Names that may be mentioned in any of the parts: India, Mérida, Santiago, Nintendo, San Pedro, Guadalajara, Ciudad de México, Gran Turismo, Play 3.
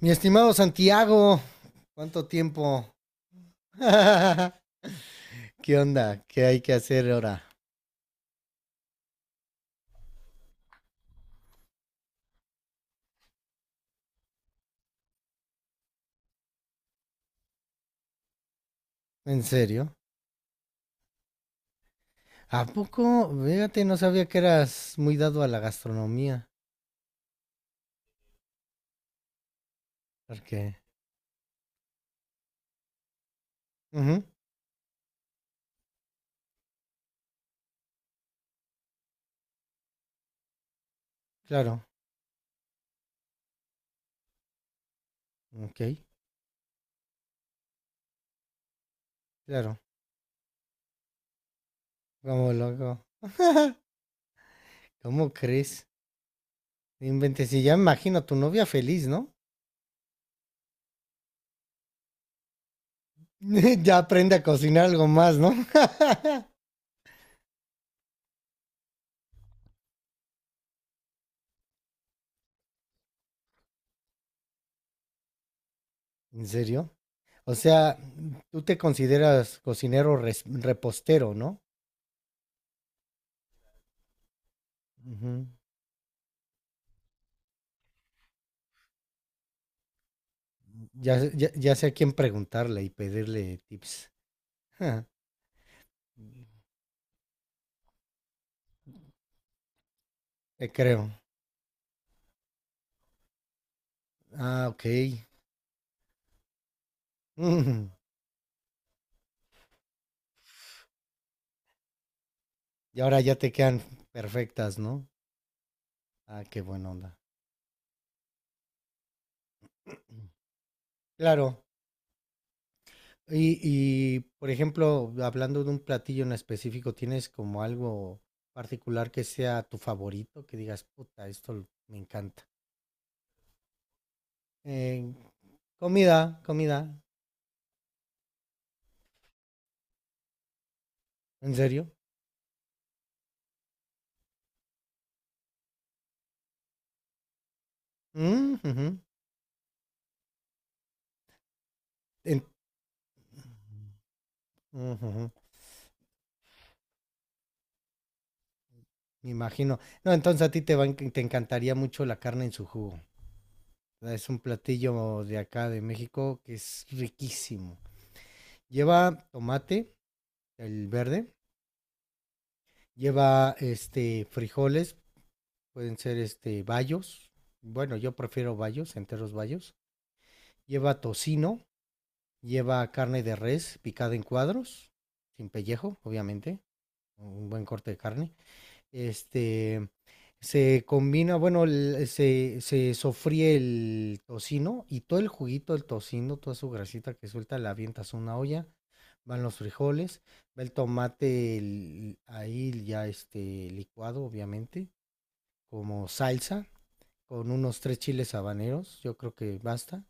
Mi estimado Santiago, ¿cuánto tiempo? ¿Qué onda? ¿Qué hay que hacer ahora? ¿En serio? ¿A poco? Fíjate, no sabía que eras muy dado a la gastronomía. Porque. Ujú, claro. Ok, claro. ¿Cómo loco? ¿Cómo crees? No inventes, y ya me imagino a tu novia feliz, ¿no? Ya aprende a cocinar algo más, ¿no? ¿En serio? O sea, tú te consideras cocinero repostero, ¿no? Ujú. Ya sé a quién preguntarle y pedirle tips. Ja, te creo. Ah, ok. Ujú. Y ahora ya te quedan perfectas, ¿no? Ah, qué buena onda. Claro. Por ejemplo, hablando de un platillo en específico, ¿tienes como algo particular que sea tu favorito? Que digas, puta, esto me encanta. Eh, comida, comida. ¿En serio? Ujú. En- ujujú. Me imagino. No, entonces a ti te va te encantaría mucho la carne en su jugo. Es un platillo de acá de México que es riquísimo. Lleva tomate, el verde, lleva este frijoles, pueden ser este bayos. Bueno, yo prefiero bayos, enteros bayos. Lleva tocino, lleva carne de res picada en cuadros, sin pellejo, obviamente, un buen corte de carne. Este, se combina, bueno, se sofríe el tocino y todo el juguito del tocino, toda su grasita que suelta, la avientas a una olla, van los frijoles, va el tomate ahí ya este licuado, obviamente, como salsa, con unos tres chiles habaneros, yo creo que basta.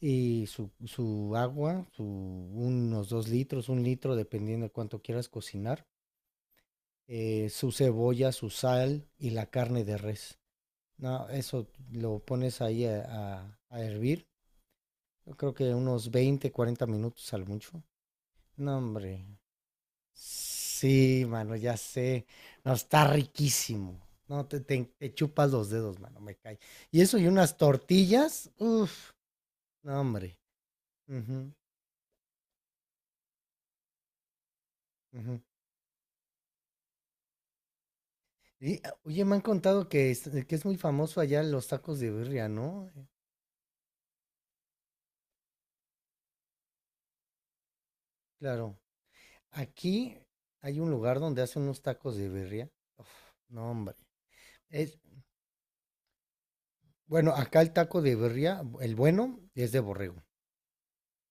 Y su agua, unos 2 litros, 1 litro, dependiendo de cuánto quieras cocinar, su cebolla, su sal y la carne de res. No, eso lo pones ahí a, a hervir. Yo creo que unos 20, 40 minutos al mucho. No, hombre. Sí, mano, ya sé. No, está riquísimo. No, te chupas los dedos, mano, me cae. Y eso y unas tortillas. Uf, no, hombre. Ujú, ujú. Y, ah, oye, me han contado que es, muy famoso allá los tacos de birria, ¿no? Claro. Aquí hay un lugar donde hacen unos tacos de birria. Uf, no, hombre. Es, bueno, acá el taco de birria, el bueno, es de borrego.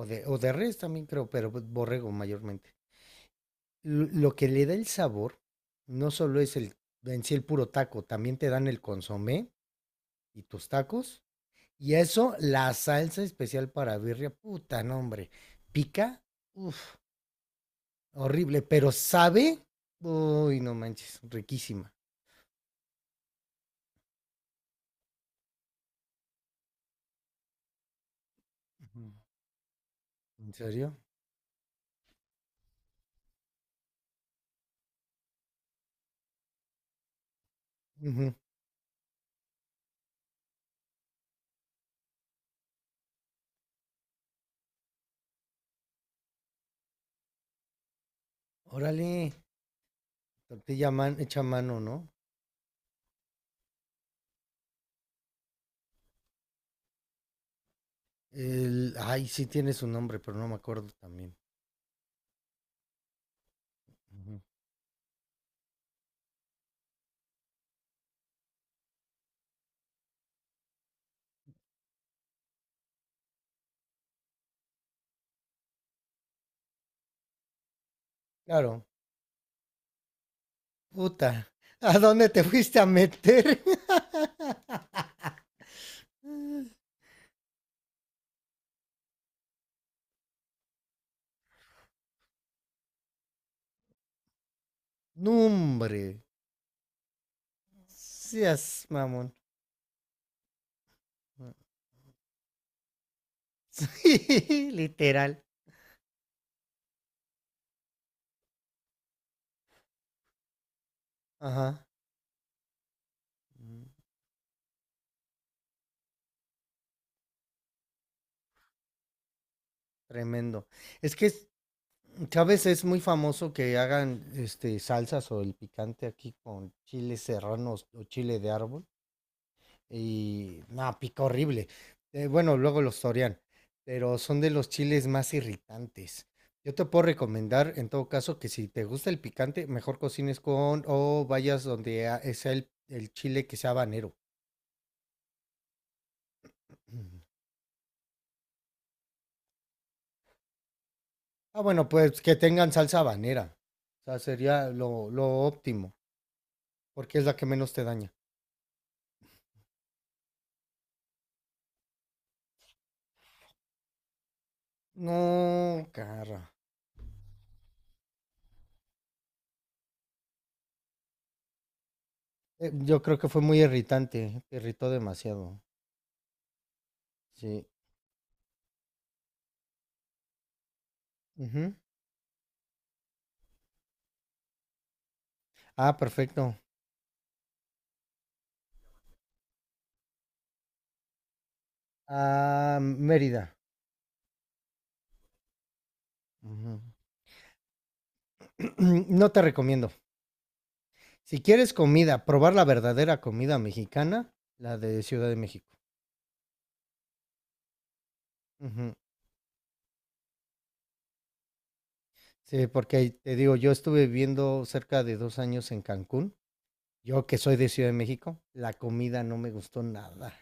o de res también creo, pero pues borrego mayormente. Lo que le da el sabor no solo es en sí el puro taco, también te dan el consomé y tus tacos. Y eso, la salsa especial para birria, puta, no, hombre. Pica, uff, horrible, pero sabe, uy, no manches, riquísima. Ujú. ¿En serio? Ujú. Órale, tortilla hecha a mano, ¿no? Ay, sí tiene su nombre, pero no me acuerdo también. Ujú. Claro, puta, ¿a dónde te fuiste a meter? Nombre, seas mamón. Sí, literal. Ajá. Mm. Tremendo. Es que, ¿sabes? Es muy famoso que hagan este salsas o el picante aquí con chiles serranos o chile de árbol. Y no, pica horrible. Bueno, luego los torean, pero son de los chiles más irritantes. Yo te puedo recomendar, en todo caso, que si te gusta el picante, mejor cocines con o vayas donde sea el chile que sea habanero. Mm. Ah, bueno, pues que tengan salsa habanera. O sea, sería lo, óptimo, porque es la que menos te daña. No, cara. Yo creo que fue muy irritante, te irritó demasiado. Sí. Ujú. Ah, perfecto. A Mérida. Ujú. No te recomiendo. Si quieres comida, probar la verdadera comida mexicana, la de Ciudad de México. Ujú. Sí, porque ahí te digo, yo estuve viviendo cerca de 2 años en Cancún. Yo que soy de Ciudad de México, la comida no me gustó nada.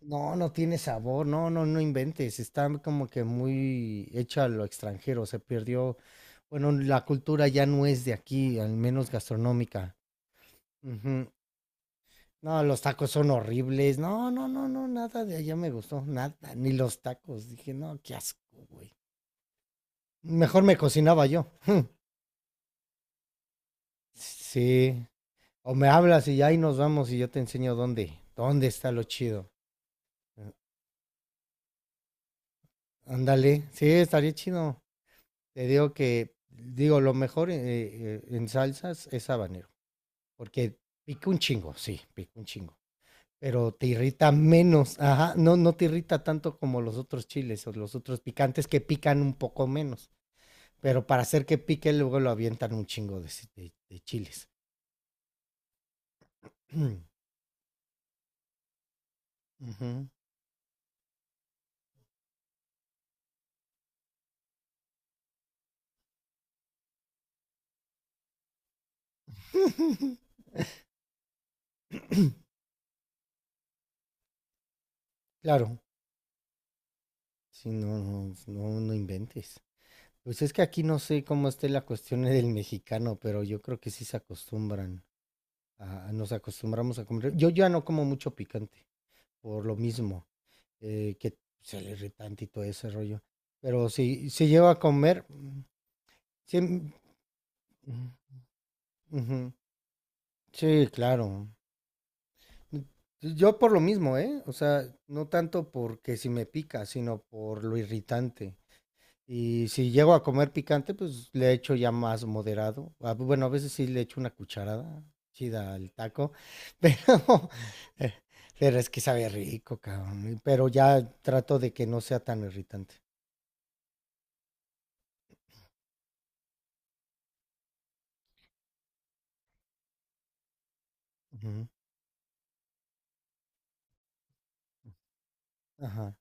No, no tiene sabor, no, no, no inventes. Está como que muy hecha a lo extranjero. Se perdió, bueno, la cultura ya no es de aquí, al menos gastronómica. Ujú. No, los tacos son horribles. No, no, no, no, nada de allá me gustó, nada, ni los tacos. Dije, no, qué asco, güey. Mejor me cocinaba yo. Sí. O me hablas y ahí nos vamos y yo te enseño dónde está lo chido. Ándale, sí, estaría chido. Te digo que, digo, lo mejor en salsas es habanero, porque pica un chingo, sí, pica un chingo, pero te irrita menos, ajá, no, no te irrita tanto como los otros chiles o los otros picantes que pican un poco menos. Pero para hacer que pique, luego lo avientan un chingo de chiles. Ujú. Claro, si no, no, no, no inventes. Pues es que aquí no sé cómo esté la cuestión del mexicano, pero yo creo que sí se acostumbran. Nos acostumbramos a comer. Yo ya no como mucho picante, por lo mismo, que se le irritante y todo ese rollo. Pero si llego a comer, sí, ujú, sí, claro. Pues, yo por lo mismo, ¿eh? O sea, no tanto porque si me pica, sino por lo irritante. Y si llego a comer picante, pues le echo ya más moderado. Bueno, a veces sí le echo una cucharada chida al taco, pero, eh, pero es que sabe rico, cabrón. Pero ya trato de que no sea tan irritante. Ujú, ajá.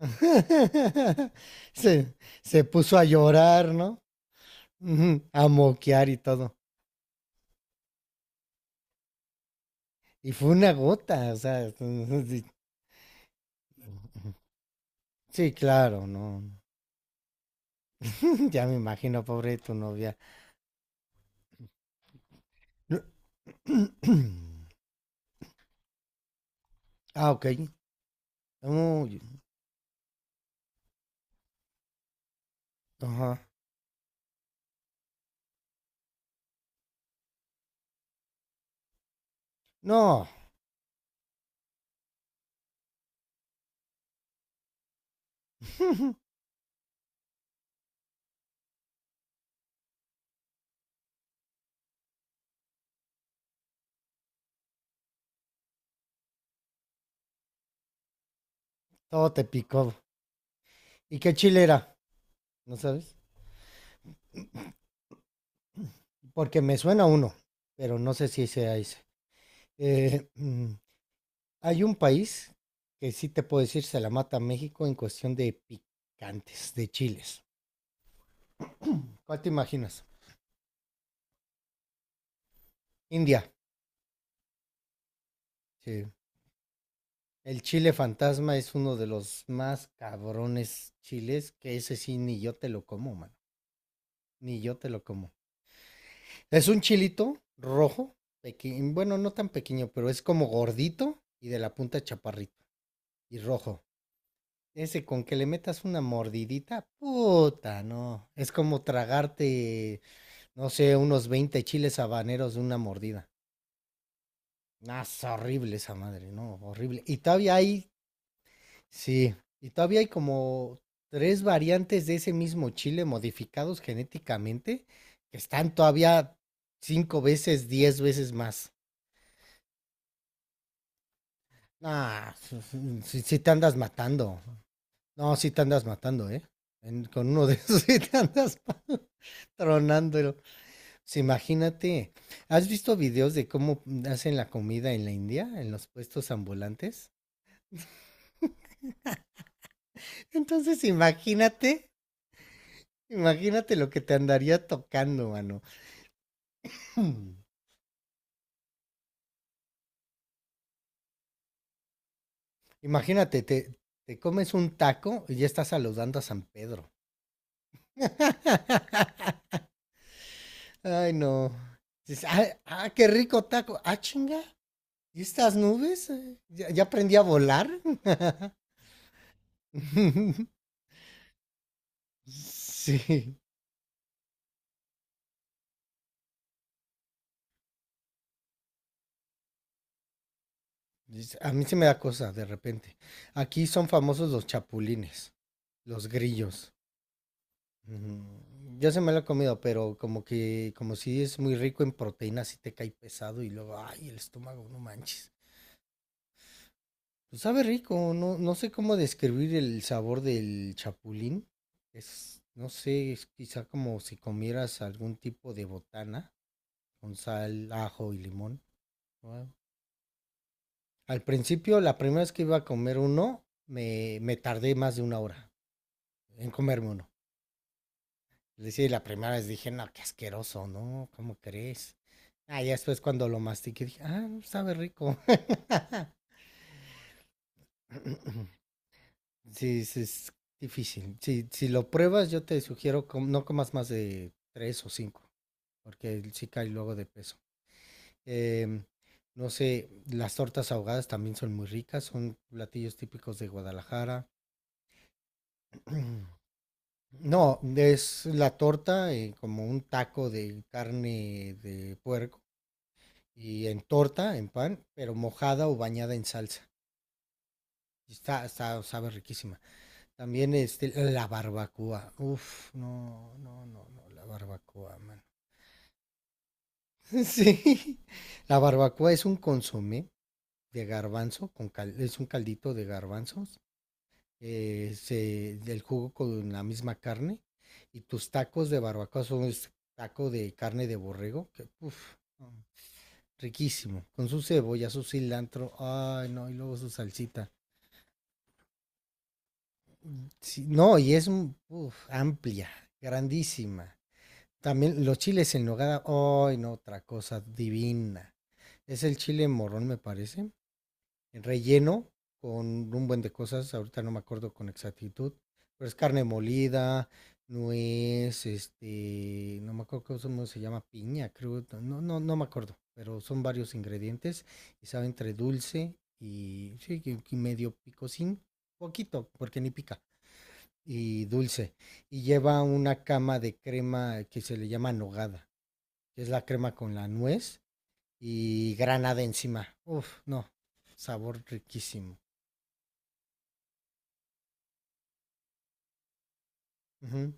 Se, se puso a llorar, ¿no? Ujú. A moquear y todo. Y fue una gota, o sea, sí, claro, no. Ya me imagino, pobre tu novia. No- Ah, ok. Uy, ajá. No, todo te picó. ¿Y qué chile era? ¿No sabes? Porque me suena uno, pero no sé si sea ese. Eh, mm, hay un país que sí te puedo decir se la mata a México en cuestión de picantes, de chiles. ¿Cuál te imaginas? India. Sí. El chile fantasma es uno de los más cabrones chiles, que ese sí ni yo te lo como, mano. Ni yo te lo como. Es un chilito rojo, pequeño, bueno, no tan pequeño, pero es como gordito y de la punta chaparrito y rojo. Ese con que le metas una mordidita, puta, no. Es como tragarte, no sé, unos 20 chiles habaneros de una mordida. Ah, es horrible esa madre, no, horrible. Y todavía hay Sí, y todavía hay como tres variantes de ese mismo chile modificados genéticamente que están todavía cinco veces, 10 veces más. Ah, si te andas matando. No, si te andas matando, ¿eh? Con uno de esos si te andas tronándolo. Pues imagínate, ¿has visto videos de cómo hacen la comida en la India, en los puestos ambulantes? Entonces imagínate lo que te andaría tocando, mano. Hmm. Imagínate, te comes un taco y ya estás saludando a San Pedro. Ay, no. Dices, "Ah, ah, qué rico taco. Ah, chinga. ¿Y estas nubes? ¿Ya aprendí a volar? Sí. Dices, A mí se me da cosa de repente. Aquí son famosos los chapulines, los grillos. Ujú. Yo se me lo he comido, pero como que, como si es muy rico en proteínas, y te cae pesado y luego, ay, el estómago, no manches. Pues sabe rico, no, no sé cómo describir el sabor del chapulín. Es, no sé, es quizá como si comieras algún tipo de botana con sal, ajo y limón. Wow. Al principio, la primera vez que iba a comer uno, me tardé más de una hora en comerme uno. Es decir, la primera vez dije, no, qué asqueroso, ¿no? ¿Cómo crees? Ah, ya después cuando lo mastiqué dije, ah, sabe rico. Sí, es difícil. Si lo pruebas, yo te sugiero no comas más de tres o cinco, porque sí cae luego de peso. Em, no sé, las tortas ahogadas también son muy ricas, son platillos típicos de Guadalajara. No, es la torta como un taco de carne de puerco y en torta, en pan, pero mojada o bañada en salsa. Y sabe riquísima. También este, la barbacoa. Uf, no, no, no, no, la barbacoa, mano. Sí. La barbacoa es un consomé de garbanzo, es un caldito de garbanzos, del jugo con la misma carne. Y tus tacos de barbacoa son es taco de carne de borrego, que uf, no, riquísimo. Con su cebolla, su cilantro, ay, no, y luego su salsita. Sí, no, y es uf, amplia, grandísima. También los chiles en nogada, ay, no, otra cosa divina. Es el chile morrón, me parece, relleno con un buen de cosas, ahorita no me acuerdo con exactitud, pero es carne molida, nuez, este, no me acuerdo cómo se llama, piña, creo, no, no, no me acuerdo, pero son varios ingredientes y sabe entre dulce y, sí, y medio picosín, poquito, porque ni pica, y dulce y lleva una cama de crema que se le llama nogada que es la crema con la nuez y granada encima. Uf, no, sabor riquísimo. Ujú.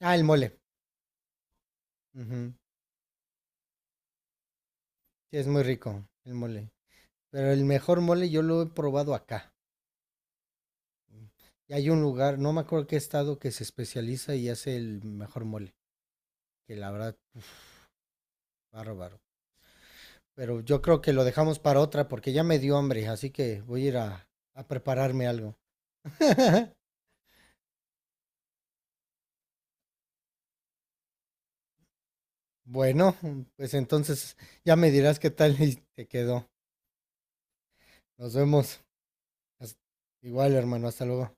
Ah, el mole. Ujú. Sí, es muy rico el mole. Pero el mejor mole yo lo he probado acá. Y hay un lugar, no me acuerdo qué estado, que se especializa y hace el mejor mole. Que la verdad, uf, bárbaro. Pero yo creo que lo dejamos para otra porque ya me dio hambre, así que voy a ir a, prepararme algo. Bueno, pues entonces ya me dirás qué tal te quedó. Nos vemos. Hasta- Igual, hermano, hasta luego.